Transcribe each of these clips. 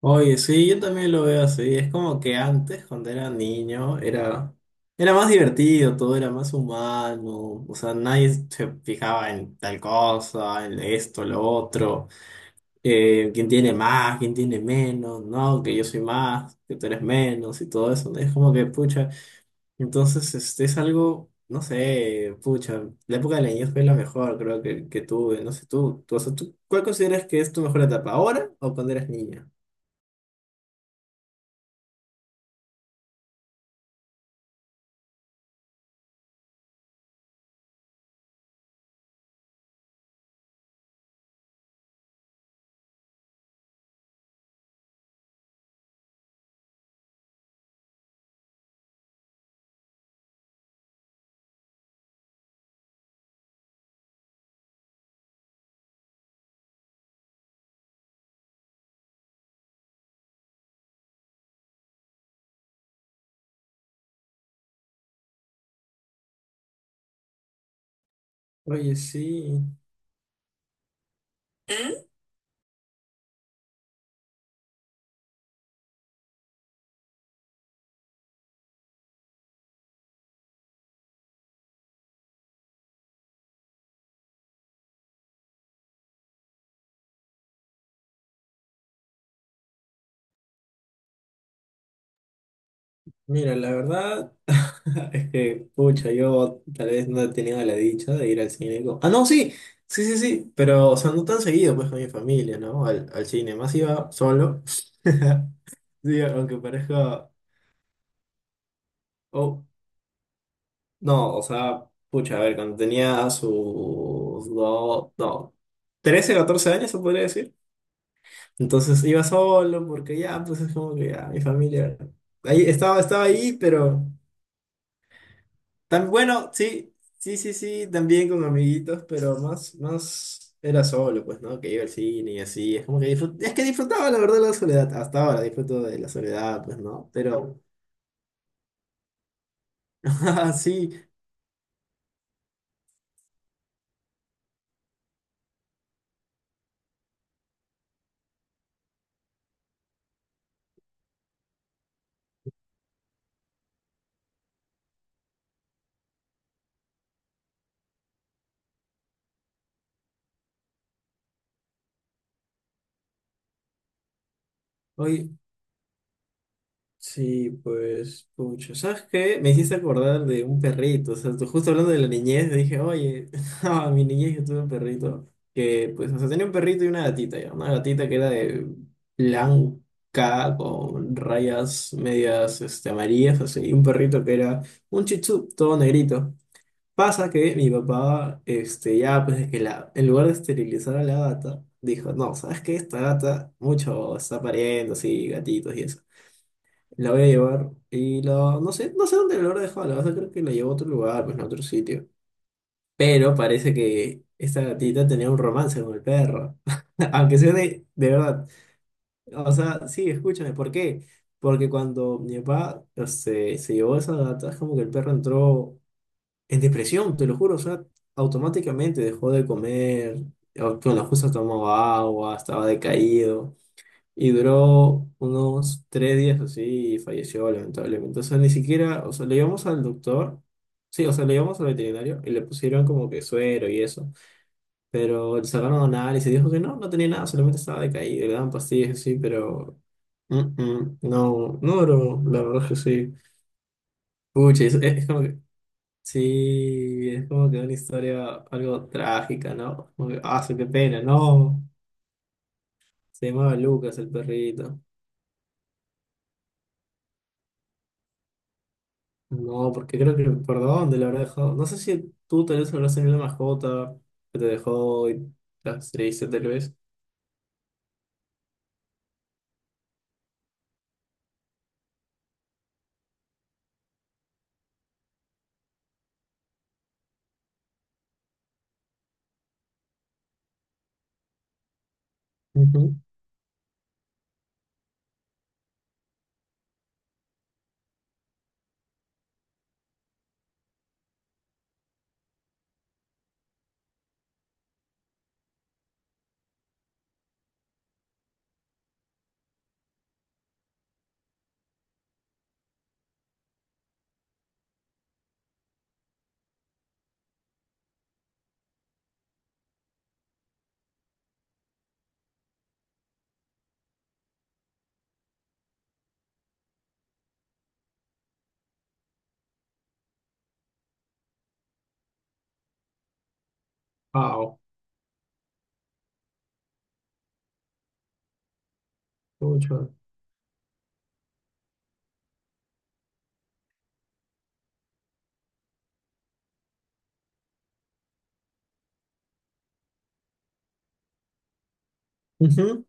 Oye, sí, yo también lo veo así. Es como que antes, cuando era niño, era más divertido, todo era más humano. O sea, nadie se fijaba en tal cosa, en esto, lo otro. Quién tiene más, quién tiene menos, ¿no? Que yo soy más, que tú eres menos y todo eso. Es como que, pucha. Entonces, este es algo, no sé, pucha. La época de la niñez fue la mejor, creo que tuve. No sé, o sea, tú, ¿cuál consideras que es tu mejor etapa? ¿Ahora o cuando eras niña? Oye, sí. ¿Mm? Mira, la verdad es que, pucha, yo tal vez no he tenido la dicha de ir al cine. Ah, no, sí, sí, sí, sí, pero, o sea, no tan seguido, pues, con mi familia, ¿no? Al, al cine, más iba solo. Sí, aunque parezca... Oh, no, o sea, pucha, a ver, cuando tenía sus dos, no, 13 14 años, se podría decir. Entonces iba solo porque ya, pues es como que ya, mi familia... Ahí, estaba ahí, pero... Tan bueno, sí, sí, sí, sí, también con amiguitos, pero más era solo, pues, ¿no? Que iba al cine y así. Es como que es que disfrutaba, la verdad, la soledad. Hasta ahora disfruto de la soledad, pues, ¿no? Pero, sí, oye, sí, pues, pucha, ¿sabes qué? Me hiciste acordar de un perrito, o sea, tú justo hablando de la niñez, dije, oye, a mi niñez yo tuve un perrito, que, pues, o sea, tenía un perrito y una gatita, ya, una gatita que era de blanca, con rayas medias, este, amarillas, así, y un perrito que era un chichú, todo negrito. Pasa que mi papá, ya, pues, es que en lugar de esterilizar a la gata, dijo, no, ¿sabes qué? Esta gata, mucho está pariendo, así, gatitos y eso. La voy a llevar y la... No sé, no sé dónde la habrá dejado. La verdad creo que la llevó a otro lugar, pues a otro sitio. Pero parece que esta gatita tenía un romance con el perro. Aunque sea de verdad. O sea, sí, escúchame, ¿por qué? Porque cuando mi papá se llevó a esa gata, es como que el perro entró en depresión, te lo juro. O sea, automáticamente dejó de comer. Bueno, justo tomaba agua, estaba decaído. Y duró unos 3 días así y falleció lamentablemente. O sea, ni siquiera, o sea, le llevamos al doctor, sí, o sea, le llevamos al veterinario y le pusieron como que suero y eso, pero le sacaron análisis y dijo que no, no tenía nada, solamente estaba decaído, y le daban pastillas así, pero no, no duró, la verdad es que sí. Pucha, es como que, sí, es como que una historia algo trágica, ¿no? Como que, ah, sí, qué pena, no, se llamaba Lucas el perrito. No, porque creo que el perdón de lo habrá dejado. No sé si tú tal vez habrás tenido una mascota que te dejó y las triste tal vez. Ujú. Wow. Mucho. Ujú.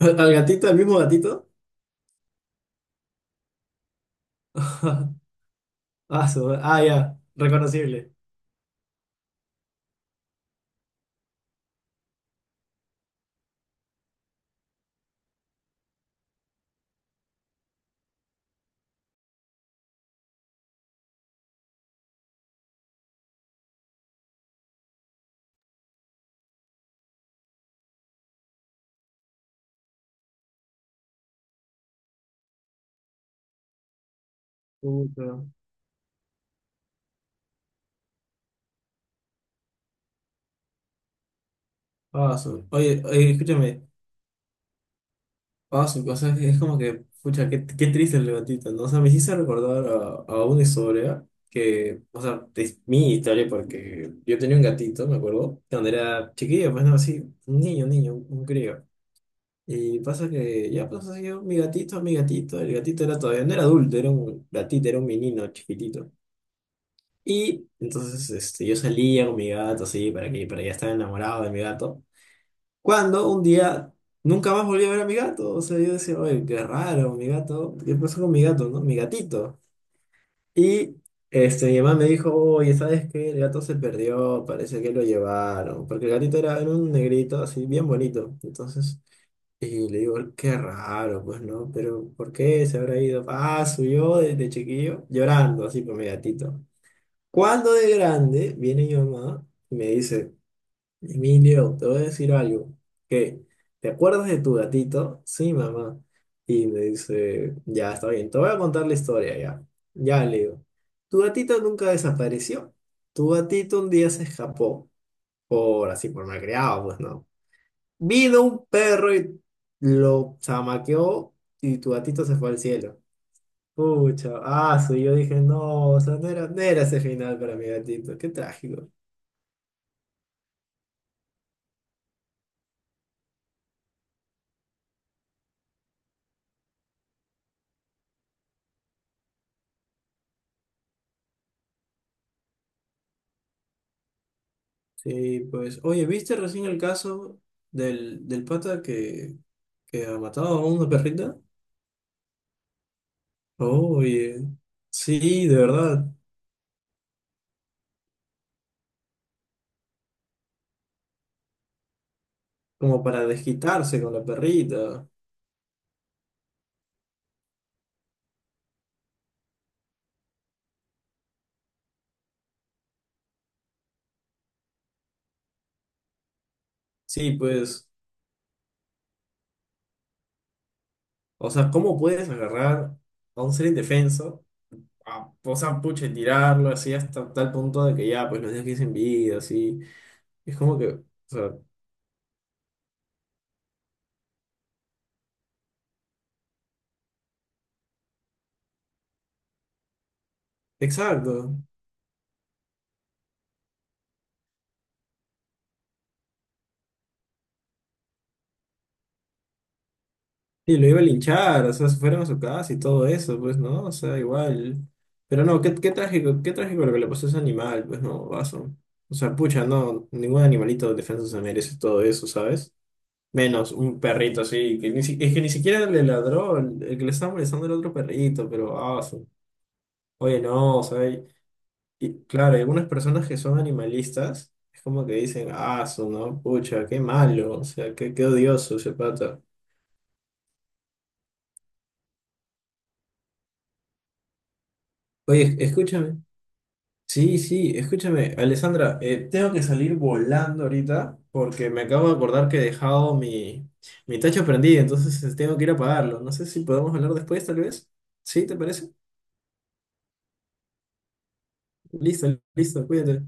¿Al gatito, al mismo gatito? Ah, ah, ya. Reconocible. Pucha. Ah, oye, oye, escúchame. Ah, su cosa es, como que, pucha, qué, qué triste el levantito, ¿no? O sea, me hiciste recordar a una historia que, o sea, es mi historia porque yo tenía un gatito, me acuerdo, cuando era chiquillo, pues no, así, un niño, un niño, un crío. Y pasa que ya pues yo, mi gatito, el gatito era todavía, no era adulto, era un gatito, era un menino chiquitito. Y entonces este, yo salía con mi gato, así, para que ya estaba enamorado de mi gato. Cuando un día nunca más volví a ver a mi gato. O sea, yo decía, oye, qué raro, mi gato. ¿Qué pasó con mi gato, no? Mi gatito. Y este, mi mamá me dijo, oye, ¿sabes qué? El gato se perdió, parece que lo llevaron. Porque el gatito era, era un negrito así, bien bonito. Entonces, y le digo, qué raro, pues, ¿no? Pero, ¿por qué se habrá ido? Ah, subió desde chiquillo, llorando así por mi gatito. Cuando de grande viene mi mamá y me dice, Emilio, te voy a decir algo. ¿Qué? ¿Te acuerdas de tu gatito? Sí, mamá. Y me dice, ya está bien, te voy a contar la historia ya. Ya le digo, tu gatito nunca desapareció. Tu gatito un día se escapó, por así, por malcriado, pues no. Vino un perro y lo chamaqueó y tu gatito se fue al cielo. Pucha, ah, sí, yo dije, no, o sea, no era ese final para mi gatito, qué trágico. Sí, pues, oye, ¿viste recién el caso del pata que ha matado a una perrita? Oye, sí, de verdad, como para desquitarse con la perrita. Sí, pues, o sea, ¿cómo puedes agarrar a un ser indefenso, o sea, pucha, y tirarlo así hasta tal punto de que ya, pues, los dejes sin vida, así? Es como que, o sea, exacto. Y lo iba a linchar, o sea, se fueron a su casa y todo eso, pues, ¿no? O sea, igual. Pero no, qué, qué trágico lo que le pasó a ese animal, pues, no, vaso. O sea, pucha, no, ningún animalito defensa se merece todo eso, ¿sabes? Menos un perrito así, que ni, es que ni siquiera le ladró, el que le estaba molestando era otro perrito, pero, vaso. Oye, no, o sea, y claro, hay algunas personas que son animalistas, es como que dicen, aso, ¿no? Pucha, qué malo, o sea, qué, qué odioso ese pata. Oye, escúchame. Sí, sí, escúchame, Alessandra, tengo que salir volando ahorita porque me acabo de acordar que he dejado mi, mi tacho prendido, entonces tengo que ir a apagarlo. No sé si podemos hablar después, tal vez. ¿Sí, te parece? Listo, listo, cuídate.